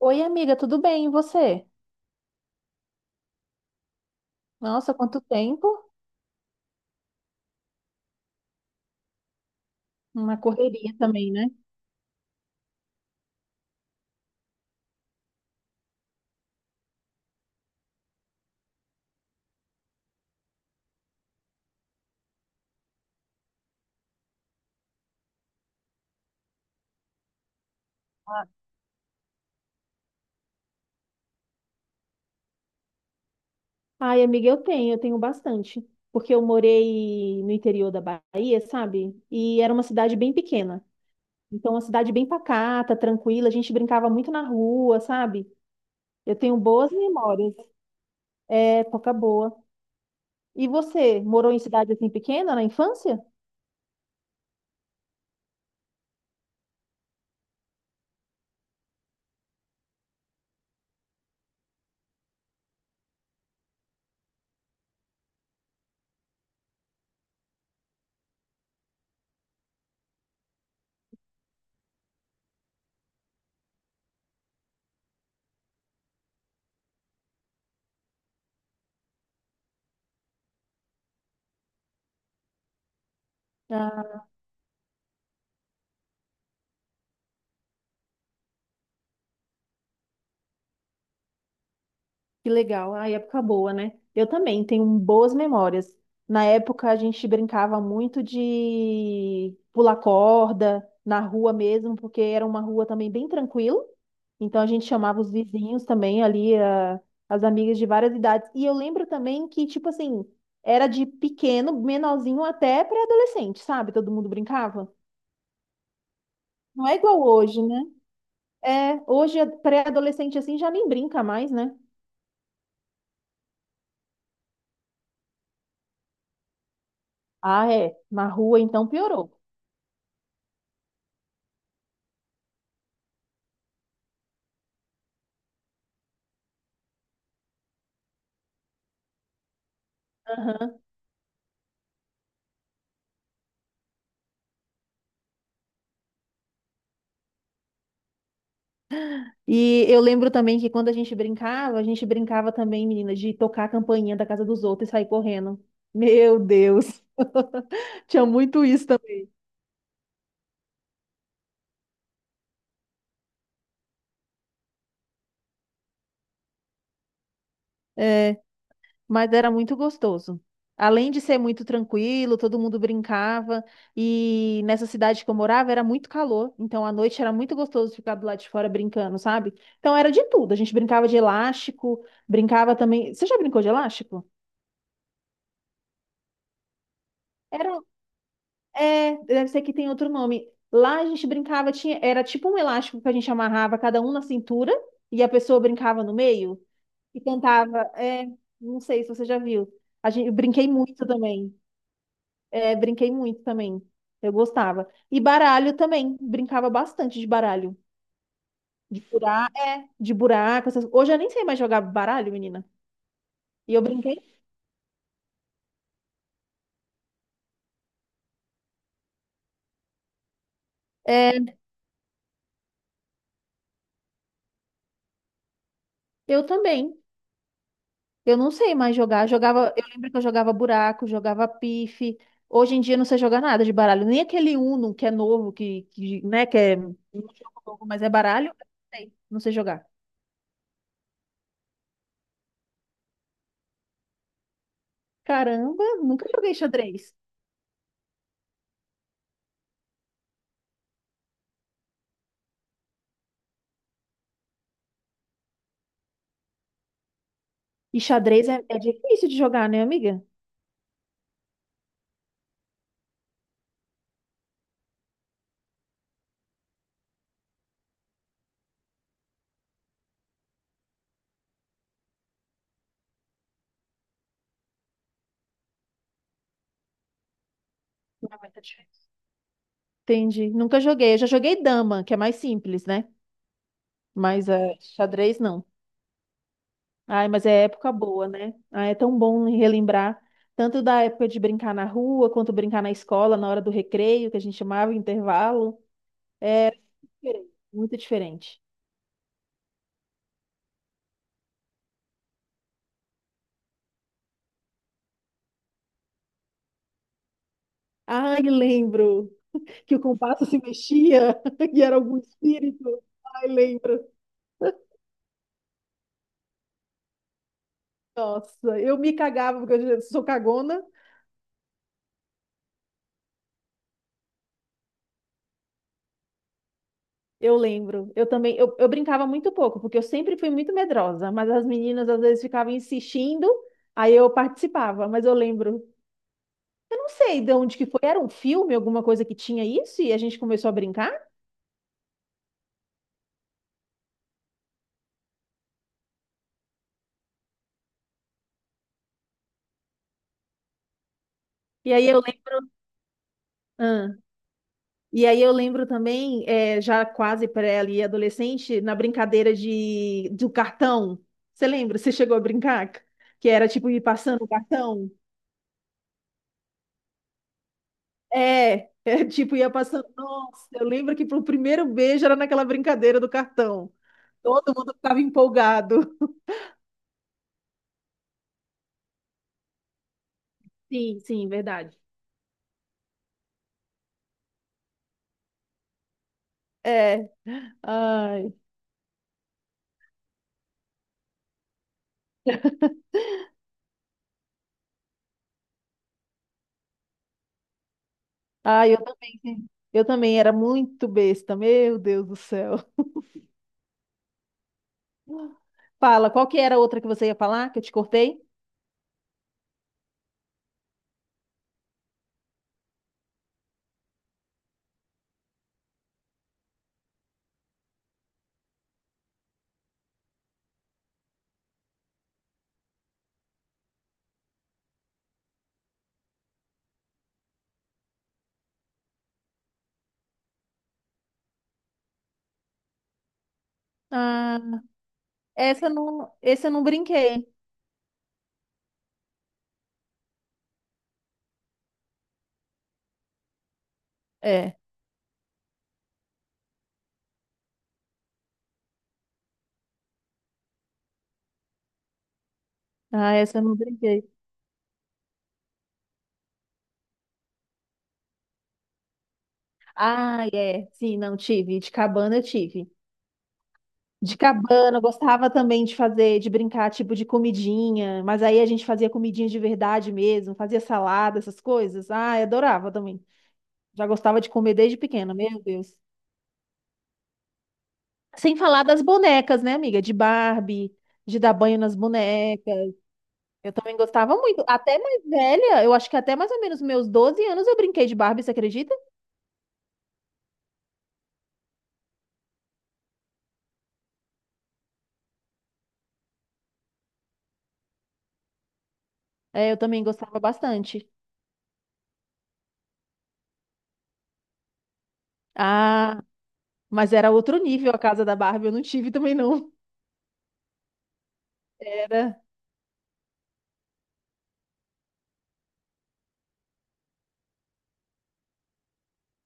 Oi, amiga, tudo bem? E você? Nossa, quanto tempo? Uma correria também, né? Ah, ai, amiga, eu tenho bastante, porque eu morei no interior da Bahia, sabe? E era uma cidade bem pequena. Então, uma cidade bem pacata, tranquila, a gente brincava muito na rua, sabe? Eu tenho boas memórias, é, época boa. E você, morou em cidade assim pequena na infância? Que legal, a época boa, né? Eu também tenho boas memórias. Na época a gente brincava muito de pular corda na rua mesmo, porque era uma rua também bem tranquila. Então a gente chamava os vizinhos também ali, as amigas de várias idades. E eu lembro também que, tipo assim, era de pequeno, menorzinho até pré-adolescente, sabe? Todo mundo brincava. Não é igual hoje, né? É, hoje é pré-adolescente assim já nem brinca mais, né? Ah, é. Na rua então piorou. Aham. E eu lembro também que quando a gente brincava também, menina, de tocar a campainha da casa dos outros e sair correndo. Meu Deus, tinha muito isso também. É, mas era muito gostoso. Além de ser muito tranquilo, todo mundo brincava. E nessa cidade que eu morava era muito calor, então à noite era muito gostoso ficar do lado de fora brincando, sabe? Então era de tudo. A gente brincava de elástico, brincava também. Você já brincou de elástico? Era. É, deve ser que tem outro nome. Lá a gente brincava, tinha, era tipo um elástico que a gente amarrava cada um na cintura e a pessoa brincava no meio e cantava. É, não sei se você já viu. A gente, eu brinquei muito também. É, brinquei muito também. Eu gostava. E baralho também. Brincava bastante de baralho. De furar, é, de buraco. Essas... Hoje eu nem sei mais jogar baralho, menina. E eu brinquei. É, eu também. Eu não sei mais jogar. Jogava, eu lembro que eu jogava buraco, jogava pife. Hoje em dia eu não sei jogar nada de baralho. Nem aquele Uno que é novo, que, né, que é um jogo novo, mas é baralho. Eu não sei, não sei jogar. Caramba, nunca joguei xadrez. E xadrez é, é difícil de jogar, né, amiga? Não, mas é muito difícil. Entendi. Nunca joguei. Eu já joguei dama, que é mais simples, né? Mas é, xadrez não. Ai, mas é época boa, né? Ah, é tão bom relembrar tanto da época de brincar na rua, quanto brincar na escola, na hora do recreio, que a gente chamava intervalo. Diferente, muito diferente. Ai, lembro que o compasso se mexia e era algum espírito. Ai, lembro. Nossa, eu me cagava porque eu já sou cagona. Eu lembro. Eu também, eu brincava muito pouco, porque eu sempre fui muito medrosa, mas as meninas às vezes ficavam insistindo, aí eu participava, mas eu lembro. Eu não sei de onde que foi. Era um filme, alguma coisa que tinha isso, e a gente começou a brincar. E aí eu lembro. Ah. E aí eu lembro também, já quase pré ali, adolescente, na brincadeira de do cartão. Você lembra? Você chegou a brincar? Que era tipo ir passando o cartão? É, é tipo ia passando. Nossa, eu lembro que pro primeiro beijo era naquela brincadeira do cartão. Todo mundo ficava empolgado. Sim, sim, verdade. É. Ai. Ah, eu também. Sim. Eu também era muito besta, meu Deus do céu. Fala, qual que era a outra que você ia falar, que eu te cortei? Ah, essa eu não brinquei. É. Ah, essa eu não brinquei. Ah, é. Sim, não tive. De cabana eu tive. De cabana, eu gostava também de fazer, de brincar, tipo, de comidinha. Mas aí a gente fazia comidinha de verdade mesmo, fazia salada, essas coisas. Ah, eu adorava também. Já gostava de comer desde pequena, meu Deus. Sem falar das bonecas, né, amiga? De Barbie, de dar banho nas bonecas. Eu também gostava muito. Até mais velha, eu acho que até mais ou menos meus 12 anos eu brinquei de Barbie, você acredita? É, eu também gostava bastante. Ah, mas era outro nível a casa da Barbie, eu não tive também não. Era,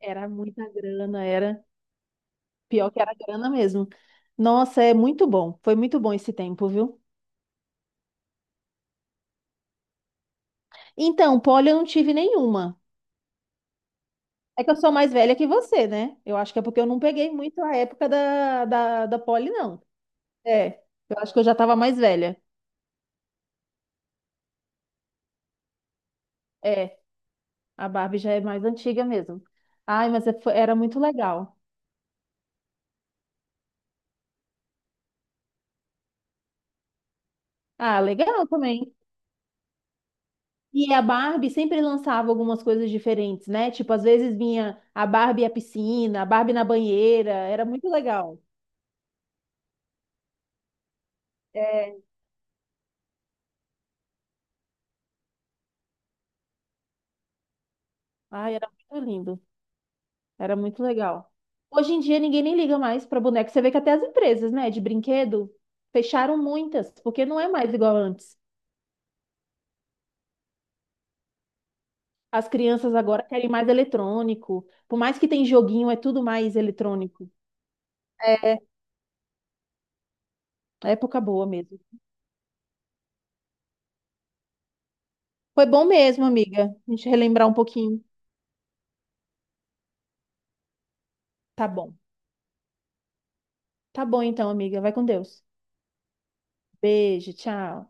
era muita grana, era pior que era grana mesmo. Nossa, é muito bom. Foi muito bom esse tempo, viu? Então, poli eu não tive nenhuma. É que eu sou mais velha que você, né? Eu acho que é porque eu não peguei muito a época da Polly, não. É, eu acho que eu já tava mais velha. É, a Barbie já é mais antiga mesmo. Ai, mas é- foi- Era muito legal. Ah, legal também. E a Barbie sempre lançava algumas coisas diferentes, né? Tipo, às vezes vinha a Barbie à piscina, a Barbie na banheira. Era muito legal. É. Ai, era muito lindo. Era muito legal. Hoje em dia ninguém nem liga mais para boneco. Você vê que até as empresas, né, de brinquedo fecharam muitas, porque não é mais igual antes. As crianças agora querem mais eletrônico. Por mais que tem joguinho, é tudo mais eletrônico. É, é época boa mesmo. Foi bom mesmo, amiga. A gente relembrar um pouquinho. Tá bom. Tá bom então, amiga. Vai com Deus. Beijo, tchau.